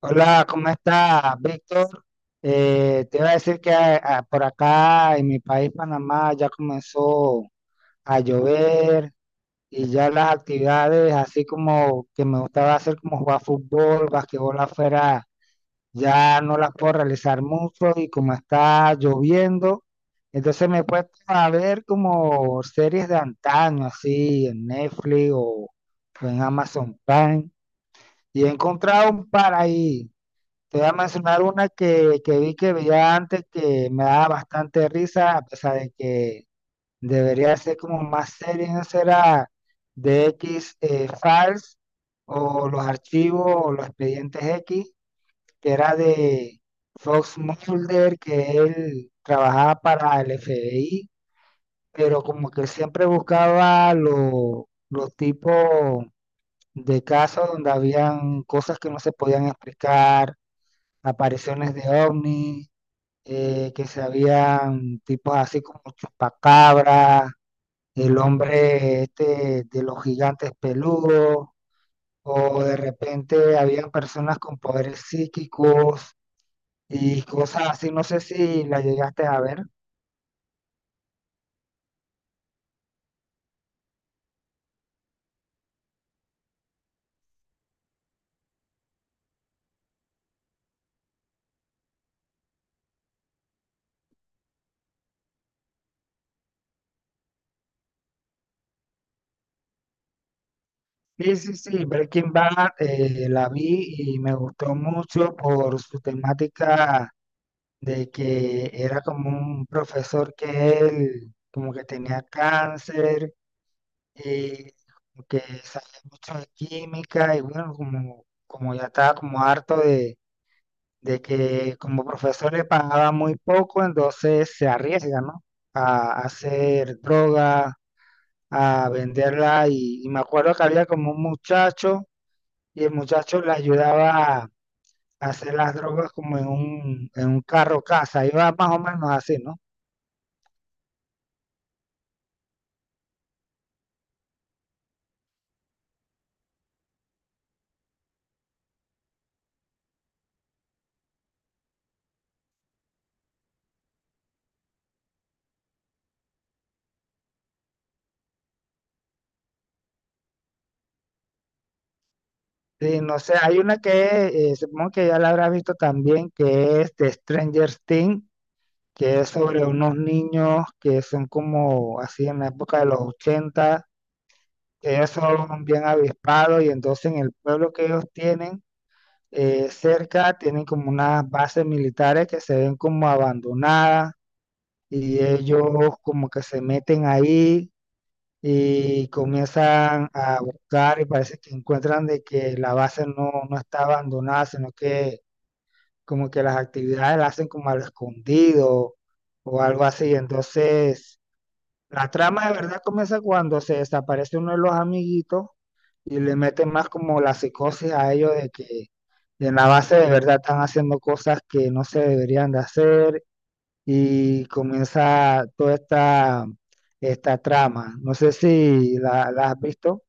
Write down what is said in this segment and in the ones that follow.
Hola, ¿cómo estás, Víctor? Te iba a decir que por acá en mi país, Panamá, ya comenzó a llover y ya las actividades, así como que me gustaba hacer como jugar fútbol, basquetbol afuera, ya no las puedo realizar mucho y como está lloviendo, entonces me he puesto a ver como series de antaño, así en Netflix o en Amazon Prime y he encontrado un par ahí. Te voy a mencionar una que vi que veía antes que me daba bastante risa, a pesar de que debería ser como más seria, ¿no será? De X Files o los archivos o los expedientes X, que era de Fox Mulder, que él trabajaba para el FBI, pero como que siempre buscaba los tipos de casos donde habían cosas que no se podían explicar, apariciones de ovnis, que se habían tipos así como chupacabra, el hombre este de los gigantes peludos, o de repente habían personas con poderes psíquicos y cosas así, no sé si la llegaste a ver. Sí, sí, sí, Breaking Bad, la vi y me gustó mucho por su temática de que era como un profesor que él como que tenía cáncer, eh, como que sabía mucho de química y bueno, como, como ya estaba como harto de que como profesor le pagaba muy poco, entonces se arriesga, ¿no? A hacer droga, a venderla y me acuerdo que había como un muchacho y el muchacho le ayudaba a hacer las drogas como en un carro casa, iba más o menos así, ¿no? Sí, no sé, hay una que supongo que ya la habrá visto también, que es de Stranger Things, que es sobre unos niños que son como así en la época de los 80, que ellos son bien avispados y entonces en el pueblo que ellos tienen, cerca tienen como unas bases militares que se ven como abandonadas y ellos como que se meten ahí y comienzan a buscar y parece que encuentran de que la base no, no está abandonada, sino que como que las actividades las hacen como al escondido o algo así. Entonces la trama de verdad comienza cuando se desaparece uno de los amiguitos y le meten más como la psicosis a ellos de que en la base de verdad están haciendo cosas que no se deberían de hacer y comienza toda esta, esta trama. No sé si la, la has visto.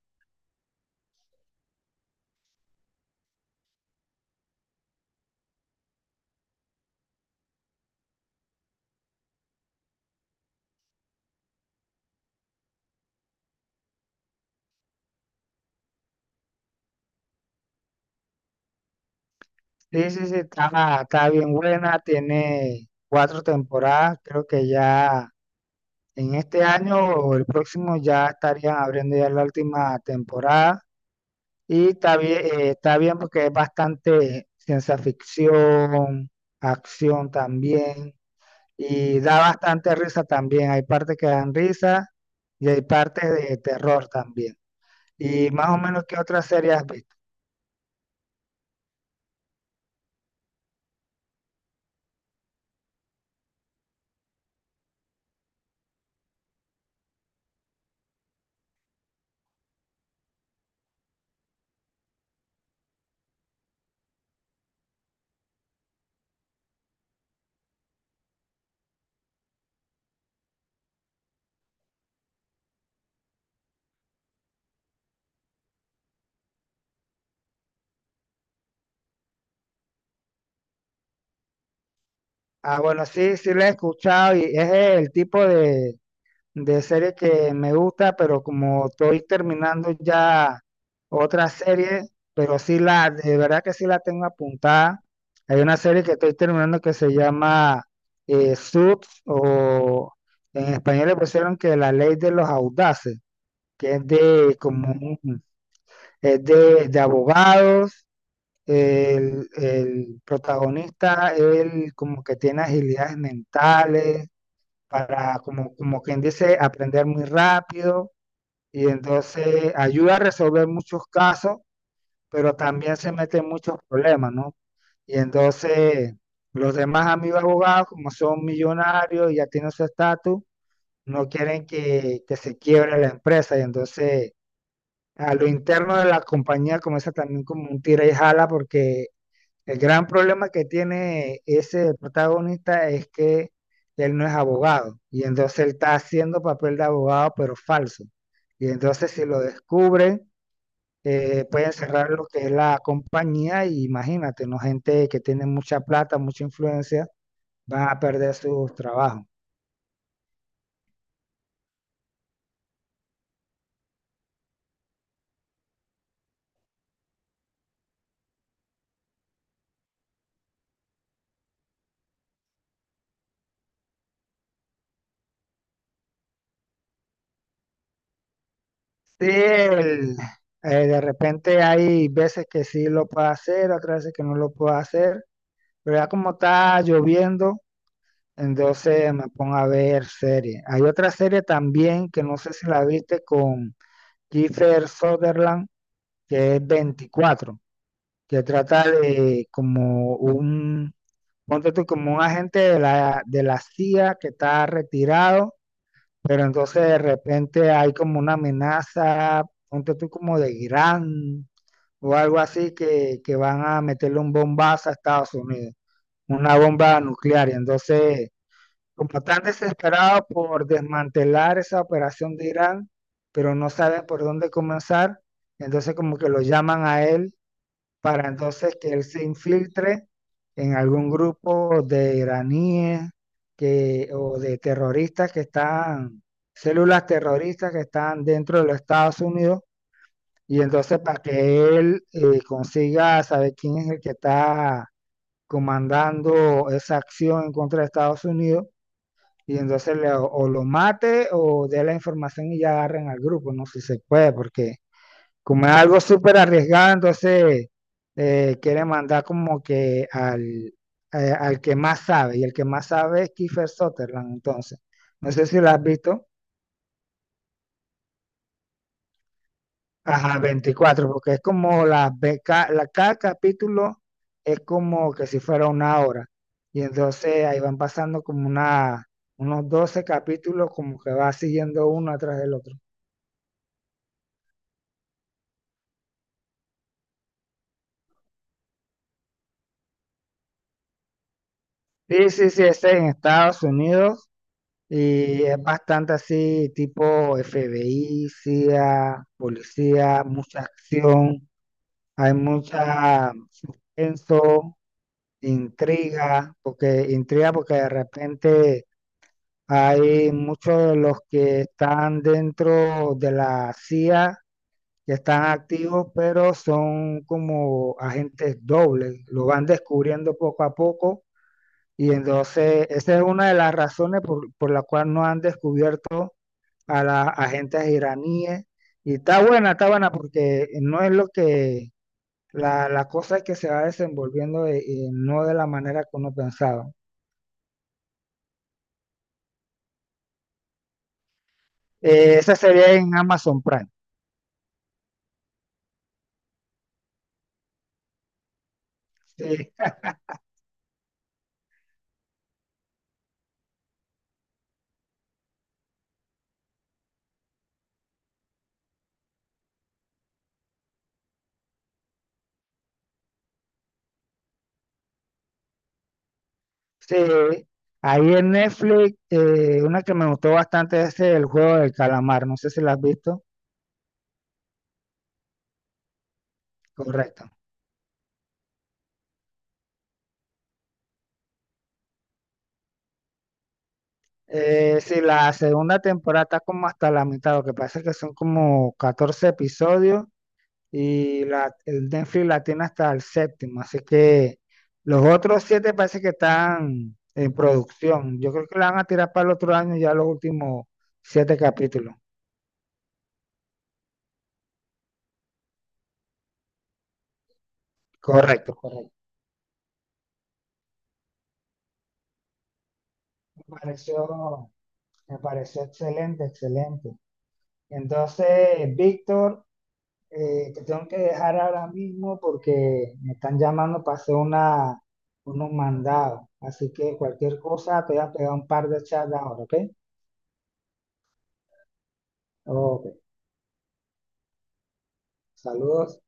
Sí, sí, sí, está, está bien buena, tiene 4 temporadas, creo que ya en este año o el próximo ya estarían abriendo ya la última temporada. Y está bien porque es bastante ciencia ficción, acción también, y da bastante risa también. Hay partes que dan risa y hay partes de terror también. Y más o menos, ¿qué otra serie has visto? Ah, bueno, sí, sí la he escuchado y es el tipo de serie que me gusta, pero como estoy terminando ya otra serie, pero sí la, de verdad que sí la tengo apuntada. Hay una serie que estoy terminando que se llama Suits, o en español le pusieron que la ley de los audaces, que es de como es de abogados. El protagonista, él como que tiene agilidades mentales, para, como, como quien dice, aprender muy rápido y entonces ayuda a resolver muchos casos, pero también se mete en muchos problemas, ¿no? Y entonces los demás amigos abogados, como son millonarios y ya tienen su estatus, no quieren que se quiebre la empresa y entonces a lo interno de la compañía comienza también como un tira y jala porque el gran problema que tiene ese protagonista es que él no es abogado y entonces él está haciendo papel de abogado pero falso. Y entonces si lo descubren, pueden cerrar lo que es la compañía y imagínate, ¿no? Gente que tiene mucha plata, mucha influencia, van a perder sus trabajos. Sí, de repente hay veces que sí lo puede hacer, otras veces que no lo puede hacer, pero ya como está lloviendo, entonces me pongo a ver series. Hay otra serie también que no sé si la viste con Kiefer Sutherland, que es 24, que trata de como un, ponte tú, como un agente de la CIA que está retirado, pero entonces de repente hay como una amenaza, ponte tú como de Irán o algo así, que van a meterle un bombazo a Estados Unidos, una bomba nuclear. Y entonces como tan desesperado por desmantelar esa operación de Irán, pero no saben por dónde comenzar, entonces como que lo llaman a él para entonces que él se infiltre en algún grupo de iraníes que, o de terroristas que están, células terroristas que están dentro de los Estados Unidos, y entonces para que él consiga saber quién es el que está comandando esa acción en contra de Estados Unidos y entonces o lo mate o dé la información y ya agarren al grupo, no sé si se puede, porque como es algo súper arriesgado, entonces quiere mandar como que al, al que más sabe, y el que más sabe es Kiefer Sutherland, entonces. No sé si lo has visto. Ajá, 24, porque es como la, la, cada capítulo es como que si fuera una hora. Y entonces ahí van pasando como una, unos 12 capítulos, como que va siguiendo uno atrás del otro. Sí, sí, sí, es en Estados Unidos y es bastante así, tipo FBI, CIA, policía, mucha acción, hay mucha suspenso, intriga porque de repente hay muchos de los que están dentro de la CIA que están activos, pero son como agentes dobles, lo van descubriendo poco a poco y entonces, esa es una de las razones por la cual no han descubierto a las agentes iraníes. Y está buena, porque no es lo que, la cosa es que se va desenvolviendo, no de la manera que uno pensaba. Esa sería en Amazon Prime. Sí, sí. Ahí en Netflix, una que me gustó bastante es el juego del calamar, no sé si la has visto. Correcto. Sí, la segunda temporada está como hasta la mitad, lo que pasa es que son como 14 episodios y la, el Netflix la tiene hasta el séptimo, así que los otros 7 parece que están en producción. Yo creo que la van a tirar para el otro año ya los últimos 7 capítulos. Correcto, correcto. Me pareció, me pareció excelente, excelente. Entonces, Víctor, te tengo que dejar ahora mismo porque me están llamando para hacer una, unos mandados. Así que cualquier cosa te voy a pegar un par de chats ahora, ¿ok? Ok, saludos.